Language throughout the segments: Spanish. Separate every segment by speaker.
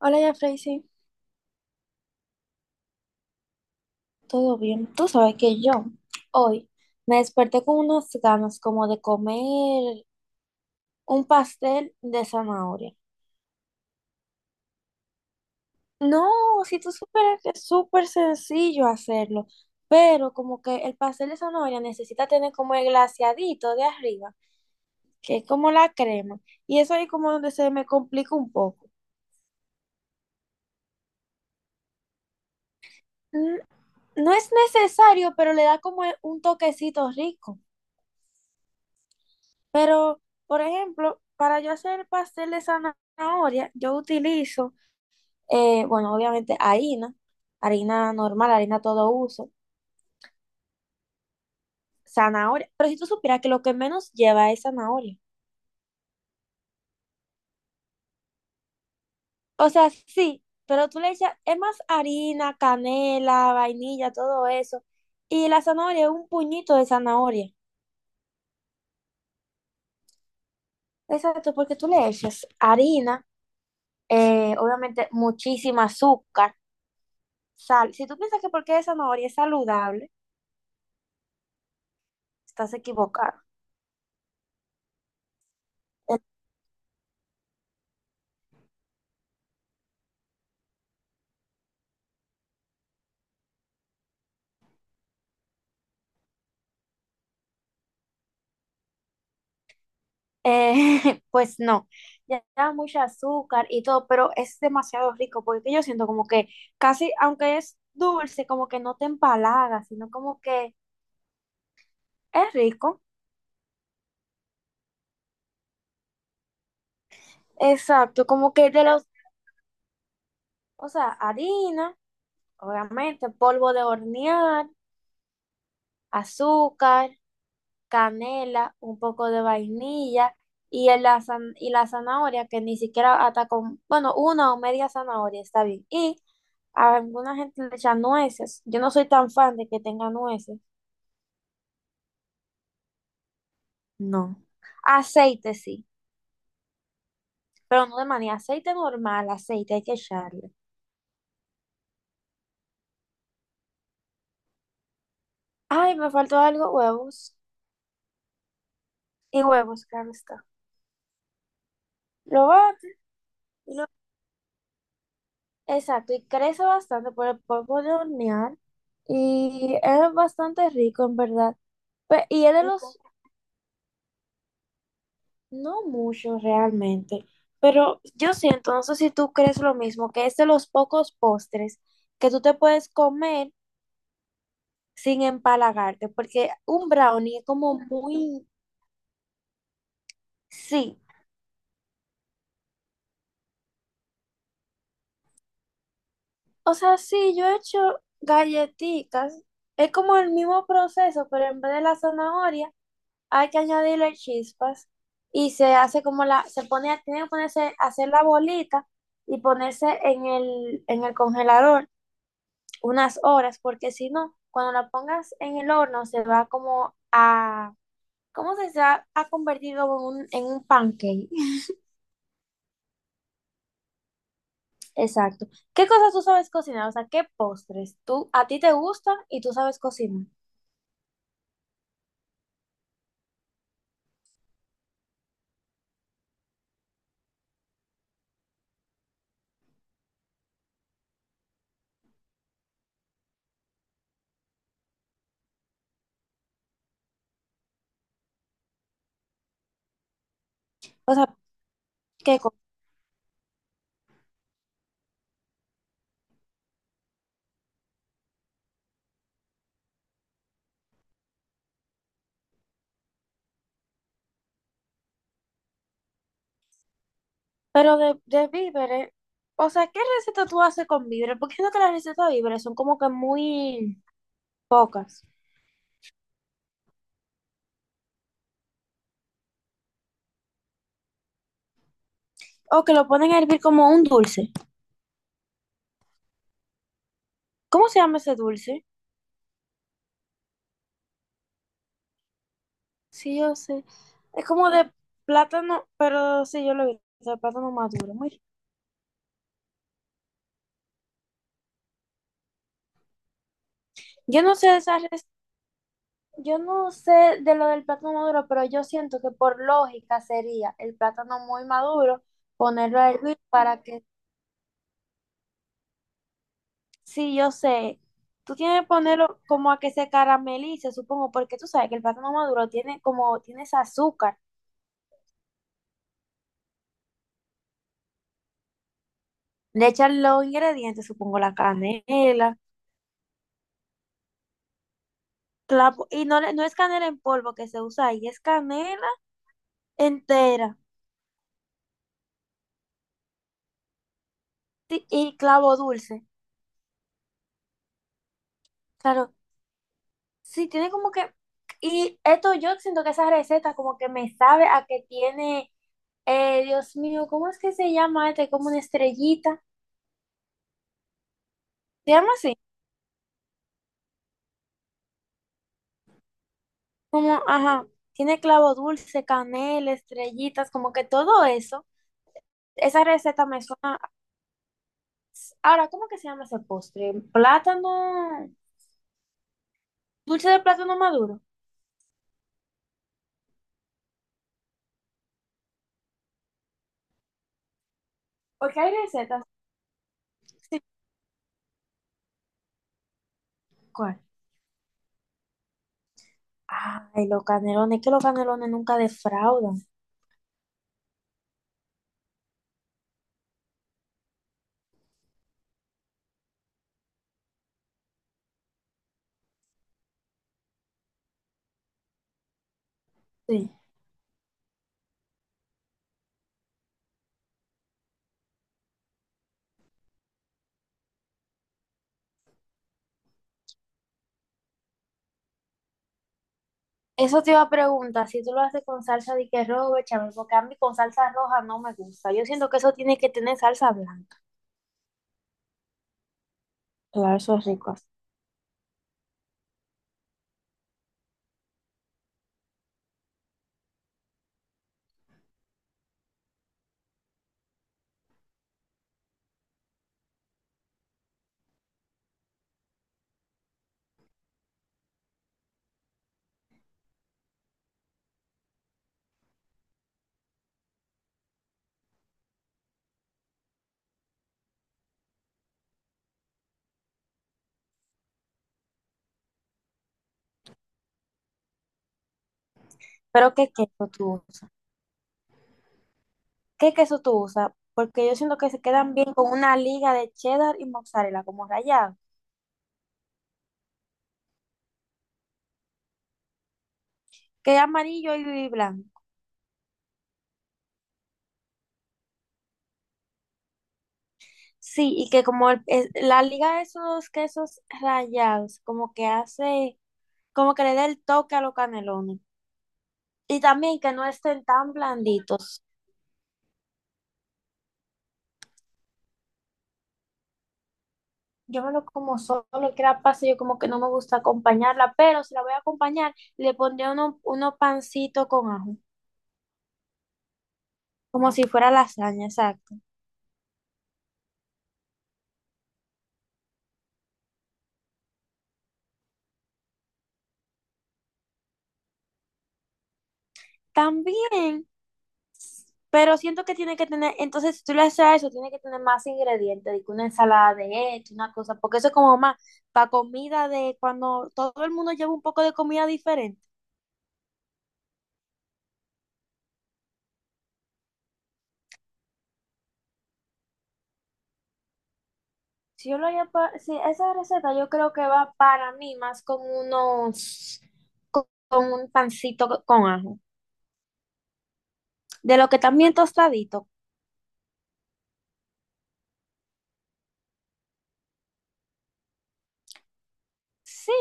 Speaker 1: Hola, ya Tracy. ¿Todo bien? Tú sabes que yo hoy me desperté con unas ganas como de comer un pastel de zanahoria. No, si tú supieras que es súper sencillo hacerlo, pero como que el pastel de zanahoria necesita tener como el glaseadito de arriba, que es como la crema, y eso ahí como donde se me complica un poco. Mm, No es necesario, pero le da como un toquecito rico. Pero, por ejemplo, para yo hacer pastel de zanahoria, yo utilizo, bueno, obviamente harina, harina normal, harina todo uso, zanahoria. Pero si tú supieras que lo que menos lleva es zanahoria. O sea, sí, pero tú le echas, es más harina, canela, vainilla, todo eso. Y la zanahoria es un puñito de zanahoria. Exacto, porque tú le echas harina, obviamente muchísima azúcar, sal. Si tú piensas que porque es zanahoria es saludable, estás equivocado. Pues no, ya da mucho azúcar y todo, pero es demasiado rico porque yo siento como que casi, aunque es dulce, como que no te empalaga, sino como que es rico. Exacto, como que de los, o sea, harina, obviamente, polvo de hornear, azúcar, canela, un poco de vainilla y, y la zanahoria, que ni siquiera hasta con, bueno, una o media zanahoria está bien. Y a alguna gente le echa nueces. Yo no soy tan fan de que tenga nueces. No. Aceite sí, pero no de manera, aceite normal, aceite hay que echarle. Ay, me faltó algo, huevos. Y huevos, claro está. Lo bate, y exacto, y crece bastante por el polvo de hornear y es bastante rico en verdad. Y es de los, no mucho realmente, pero yo siento, no sé si tú crees lo mismo, que es de los pocos postres que tú te puedes comer sin empalagarte, porque un brownie es como muy, sí, o sea, sí, yo he hecho galletitas, es como el mismo proceso, pero en vez de la zanahoria, hay que añadirle chispas y se hace como la, se pone, tiene que ponerse, hacer la bolita y ponerse en el congelador unas horas, porque si no, cuando la pongas en el horno se va como a, ¿cómo ha convertido en un pancake? Exacto. ¿Qué cosas tú sabes cocinar? O sea, ¿qué postres tú, a ti te gustan y tú sabes cocinar? O sea, ¿qué cosas? Pero de víveres, o sea, ¿qué receta tú haces con víveres? Porque siento que las recetas de víveres son como que muy pocas. O que lo ponen a hervir como un dulce. ¿Cómo se llama ese dulce? Sí, yo sé. Es como de plátano, pero sí, yo lo vi, de plátano maduro. Muy... rico. Yo no sé de esa res- yo no sé de lo del plátano maduro, pero yo siento que por lógica sería el plátano muy maduro, ponerlo a hervir para que sí, yo sé. Tú tienes que ponerlo como a que se caramelice, supongo, porque tú sabes que el plátano maduro tiene como, tiene ese azúcar. Le echan los ingredientes, supongo, la canela. No, no es canela en polvo que se usa ahí, es canela entera. Y clavo dulce. Claro, sí, tiene como que... Y esto yo siento que esa receta como que me sabe a que tiene, Dios mío, ¿cómo es que se llama este? Como una estrellita. ¿Se llama así? Como, ajá, tiene clavo dulce, canela, estrellitas, como que todo eso. Esa receta me suena. Ahora, ¿cómo que se llama ese postre? Plátano, dulce de plátano maduro. Porque hay recetas. Sí, ¿cuál? Ay, los canelones, que los canelones nunca defraudan. Sí. Eso te iba a preguntar, si tú lo haces con salsa de que rojo, bechamel, porque a mí con salsa roja no me gusta. Yo siento que eso tiene que tener salsa blanca. Claro, eso es rico, así. Pero ¿qué queso tú usas? ¿Qué queso tú usas? Porque yo siento que se quedan bien con una liga de cheddar y mozzarella, como rallado, que es amarillo y blanco. Sí, y que como la liga de esos quesos rallados, como que hace, como que le da el toque a los canelones. Y también que no estén tan blanditos. Yo me lo como solo, que la pasta, yo como que no me gusta acompañarla, pero si la voy a acompañar, le pondría uno pancito con ajo, como si fuera lasaña, exacto. También pero siento que tiene que tener, entonces si tú le haces a eso, tiene que tener más ingredientes, de que una ensalada de esto, una cosa, porque eso es como más para comida de cuando todo el mundo lleva un poco de comida diferente. Si yo lo haría para, si esa receta yo creo que va para mí más con unos, con un pancito con ajo, de lo que también tostadito. Sí,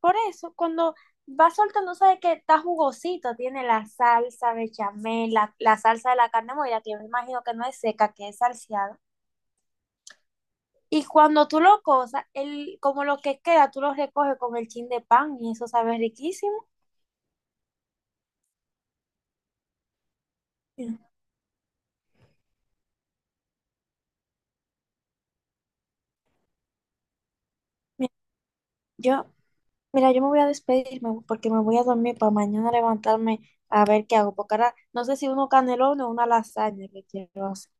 Speaker 1: por eso, cuando va soltando, sabes que está jugosito, tiene la salsa bechamel, la salsa de la carne molida, que yo me imagino que no es seca, que es salseada. Y cuando tú lo cosas, el, como lo que queda, tú lo recoges con el chin de pan y eso sabe riquísimo. Mira, mira, yo, Mira, yo me voy a despedirme porque me voy a dormir para mañana levantarme a ver qué hago, porque ahora no sé si uno canelón o una lasaña que quiero hacer.